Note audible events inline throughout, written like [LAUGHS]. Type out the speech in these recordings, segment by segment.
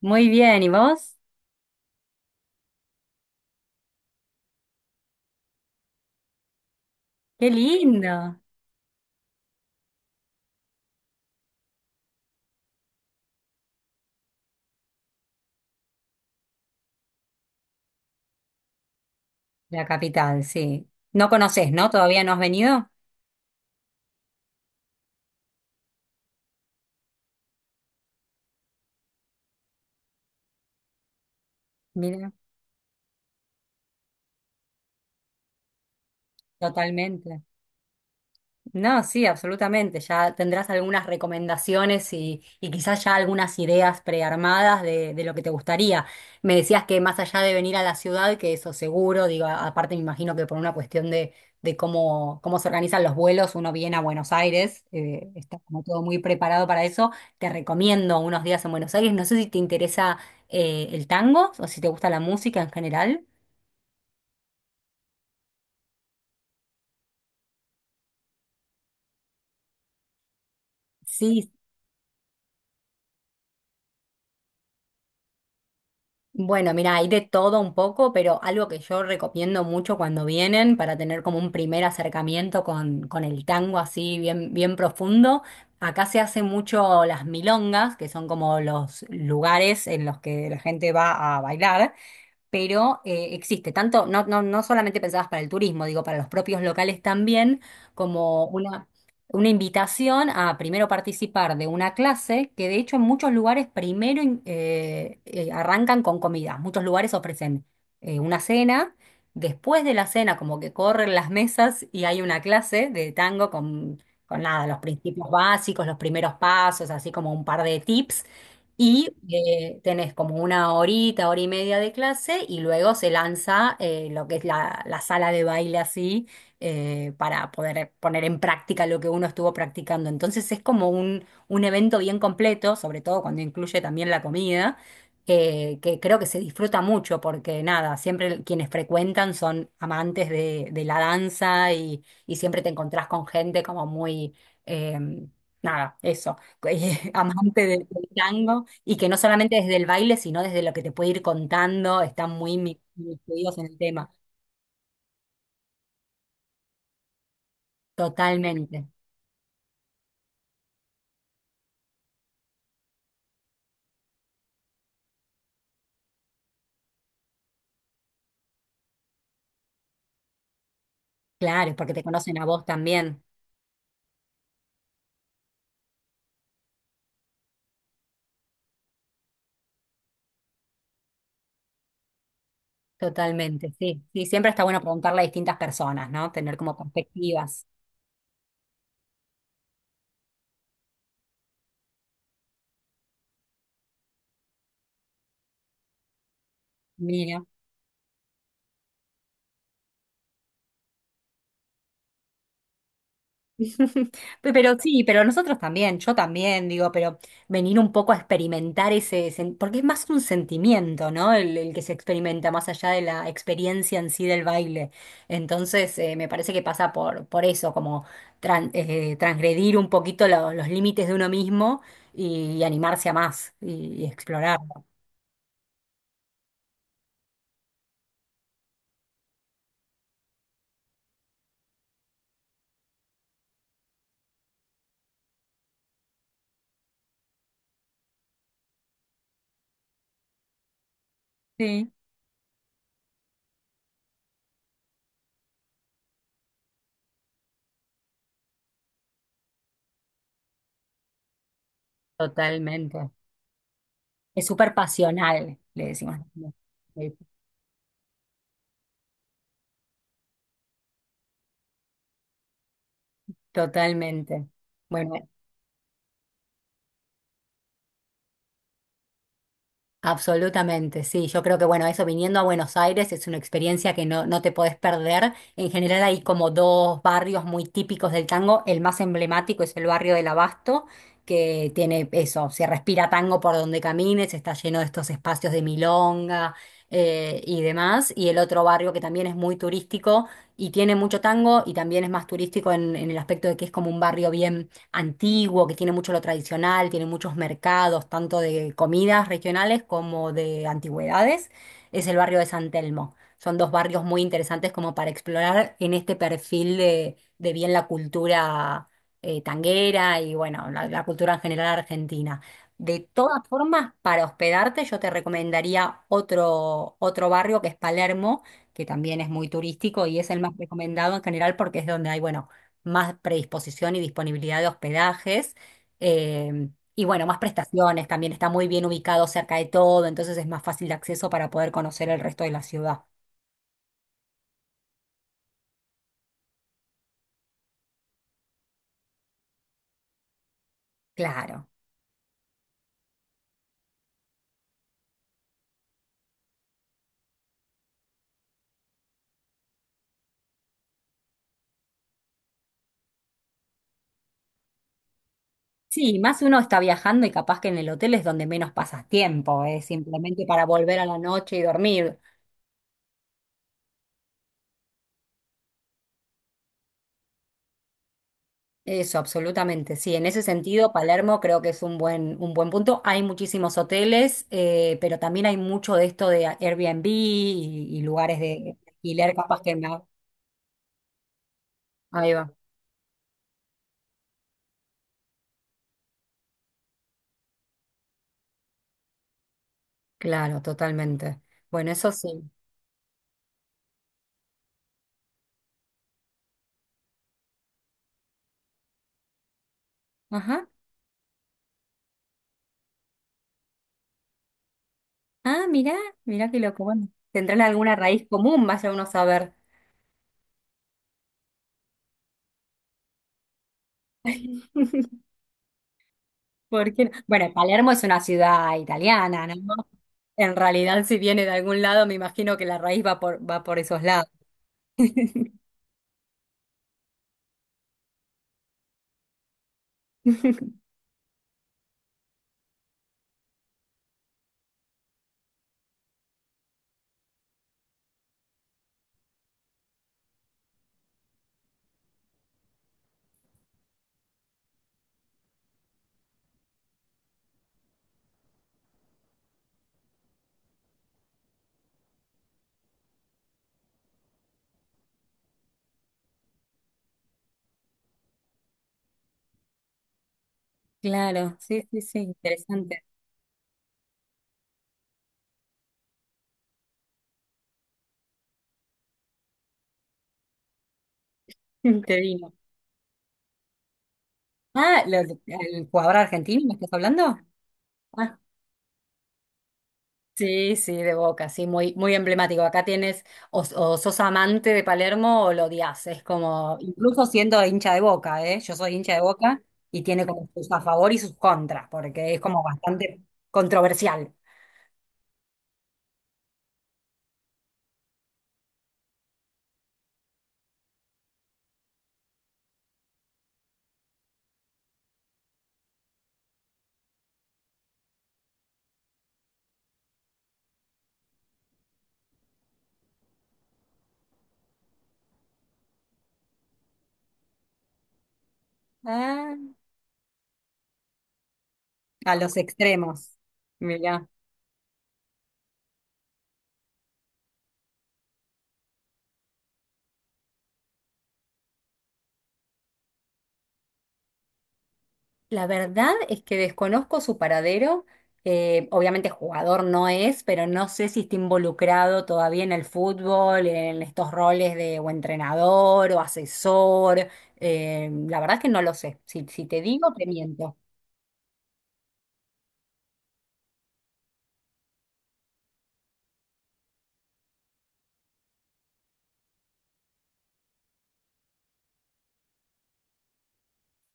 Muy bien, ¿y vos? Qué lindo. La capital, sí. No conoces, ¿no? ¿Todavía no has venido? Mira, totalmente. No, sí, absolutamente. Ya tendrás algunas recomendaciones y quizás ya algunas ideas prearmadas de lo que te gustaría. Me decías que más allá de venir a la ciudad, que eso seguro, digo, aparte me imagino que por una cuestión de cómo, cómo se organizan los vuelos, uno viene a Buenos Aires, está como todo muy preparado para eso. Te recomiendo unos días en Buenos Aires. No sé si te interesa el tango o si te gusta la música en general. Sí. Bueno, mira, hay de todo un poco, pero algo que yo recomiendo mucho cuando vienen para tener como un primer acercamiento con el tango así bien, bien profundo. Acá se hace mucho las milongas, que son como los lugares en los que la gente va a bailar, pero existe tanto, no solamente pensadas para el turismo, digo, para los propios locales también, como una, una invitación a primero participar de una clase, que de hecho en muchos lugares primero arrancan con comida. Muchos lugares ofrecen una cena, después de la cena como que corren las mesas y hay una clase de tango con... Con nada, los principios básicos, los primeros pasos, así como un par de tips. Y tenés como una horita, hora y media de clase y luego se lanza lo que es la sala de baile así, para poder poner en práctica lo que uno estuvo practicando. Entonces es como un evento bien completo, sobre todo cuando incluye también la comida, que creo que se disfruta mucho porque nada, siempre quienes frecuentan son amantes de la danza y siempre te encontrás con gente como muy... em, nada, eso, [LAUGHS] amante del tango. Y que no solamente desde el baile, sino desde lo que te puede ir contando, están muy metidos en el tema. Totalmente. Claro, porque te conocen a vos también. Totalmente, sí. Sí, siempre está bueno preguntarle a distintas personas, ¿no? Tener como perspectivas. Mira. [LAUGHS] Pero sí, pero nosotros también, yo también, digo, pero venir un poco a experimentar ese, porque es más un sentimiento, ¿no? El que se experimenta más allá de la experiencia en sí del baile. Entonces, me parece que pasa por eso, como transgredir un poquito los límites de uno mismo y animarse a más y explorarlo. Sí. Totalmente. Es súper pasional, le decimos. Sí. Totalmente. Bueno. Absolutamente, sí. Yo creo que, bueno, eso viniendo a Buenos Aires es una experiencia que no te podés perder. En general hay como dos barrios muy típicos del tango. El más emblemático es el barrio del Abasto, que tiene eso, se respira tango por donde camines, está lleno de estos espacios de milonga y demás. Y el otro barrio que también es muy turístico y tiene mucho tango y también es más turístico en el aspecto de que es como un barrio bien antiguo, que tiene mucho lo tradicional, tiene muchos mercados, tanto de comidas regionales como de antigüedades, es el barrio de San Telmo. Son dos barrios muy interesantes como para explorar en este perfil de bien la cultura tanguera y bueno, la cultura en general argentina. De todas formas, para hospedarte yo te recomendaría otro barrio que es Palermo, que también es muy turístico y es el más recomendado en general porque es donde hay, bueno, más predisposición y disponibilidad de hospedajes. eh, y bueno, más prestaciones, también está muy bien ubicado cerca de todo, entonces es más fácil de acceso para poder conocer el resto de la ciudad. Claro. Sí, más uno está viajando y capaz que en el hotel es donde menos pasas tiempo, es simplemente para volver a la noche y dormir. Eso, absolutamente. Sí, en ese sentido, Palermo creo que es un buen punto. Hay muchísimos hoteles, pero también hay mucho de esto de Airbnb y lugares de alquiler, capaz que más. Claro, totalmente. Bueno, eso sí. Ajá. Ah, mirá, mirá qué loco. Bueno, tendrán alguna raíz común, vaya uno a saber. [LAUGHS] ¿Por qué no? Bueno, Palermo es una ciudad italiana, ¿no? En realidad, si viene de algún lado, me imagino que la raíz va por, va por esos lados. [LAUGHS] Claro, sí, sí, sí, interesante. [LAUGHS] Te vino. Ah, el jugador argentino me estás hablando? Ah, sí, sí, de Boca, sí, muy, muy emblemático. Acá tienes, o sos amante de Palermo o lo odias. Es como, incluso siendo hincha de Boca, ¿eh? Yo soy hincha de Boca y tiene como sus a favor y sus contras, porque es como bastante controversial. Ah, a los extremos. Mirá. La verdad es que desconozco su paradero. Obviamente jugador no es, pero no sé si está involucrado todavía en el fútbol, en estos roles de o entrenador o asesor. La verdad es que no lo sé. Si, si te digo, te miento.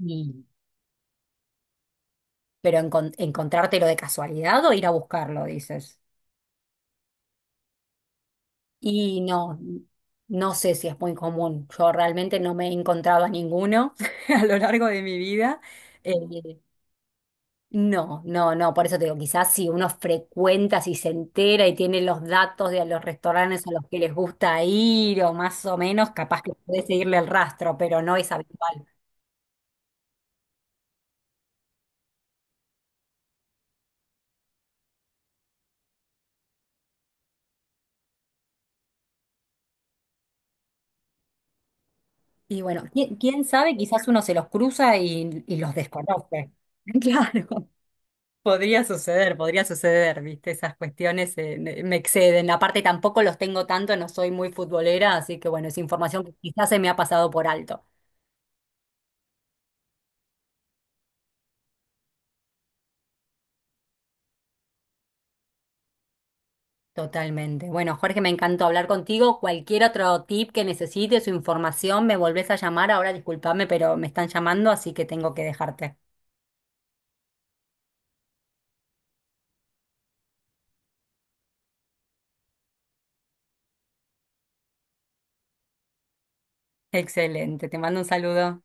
Mm. Pero encontrártelo de casualidad o ir a buscarlo, dices. Y no, no sé si es muy común. Yo realmente no me he encontrado a ninguno [LAUGHS] a lo largo de mi vida. Eh, No, no, no, por eso te digo, quizás si uno frecuenta, si se entera y tiene los datos de los restaurantes a los que les gusta ir o más o menos, capaz que puede seguirle el rastro, pero no es habitual. Y bueno, ¿quién, quién sabe? Quizás uno se los cruza y los desconoce. [LAUGHS] Claro, podría suceder, ¿viste? Esas cuestiones me exceden. Aparte tampoco los tengo tanto, no soy muy futbolera, así que bueno, es información que quizás se me ha pasado por alto. Totalmente. Bueno, Jorge, me encantó hablar contigo. Cualquier otro tip que necesites o información, me volvés a llamar. Ahora discúlpame, pero me están llamando, así que tengo que dejarte. Excelente. Te mando un saludo.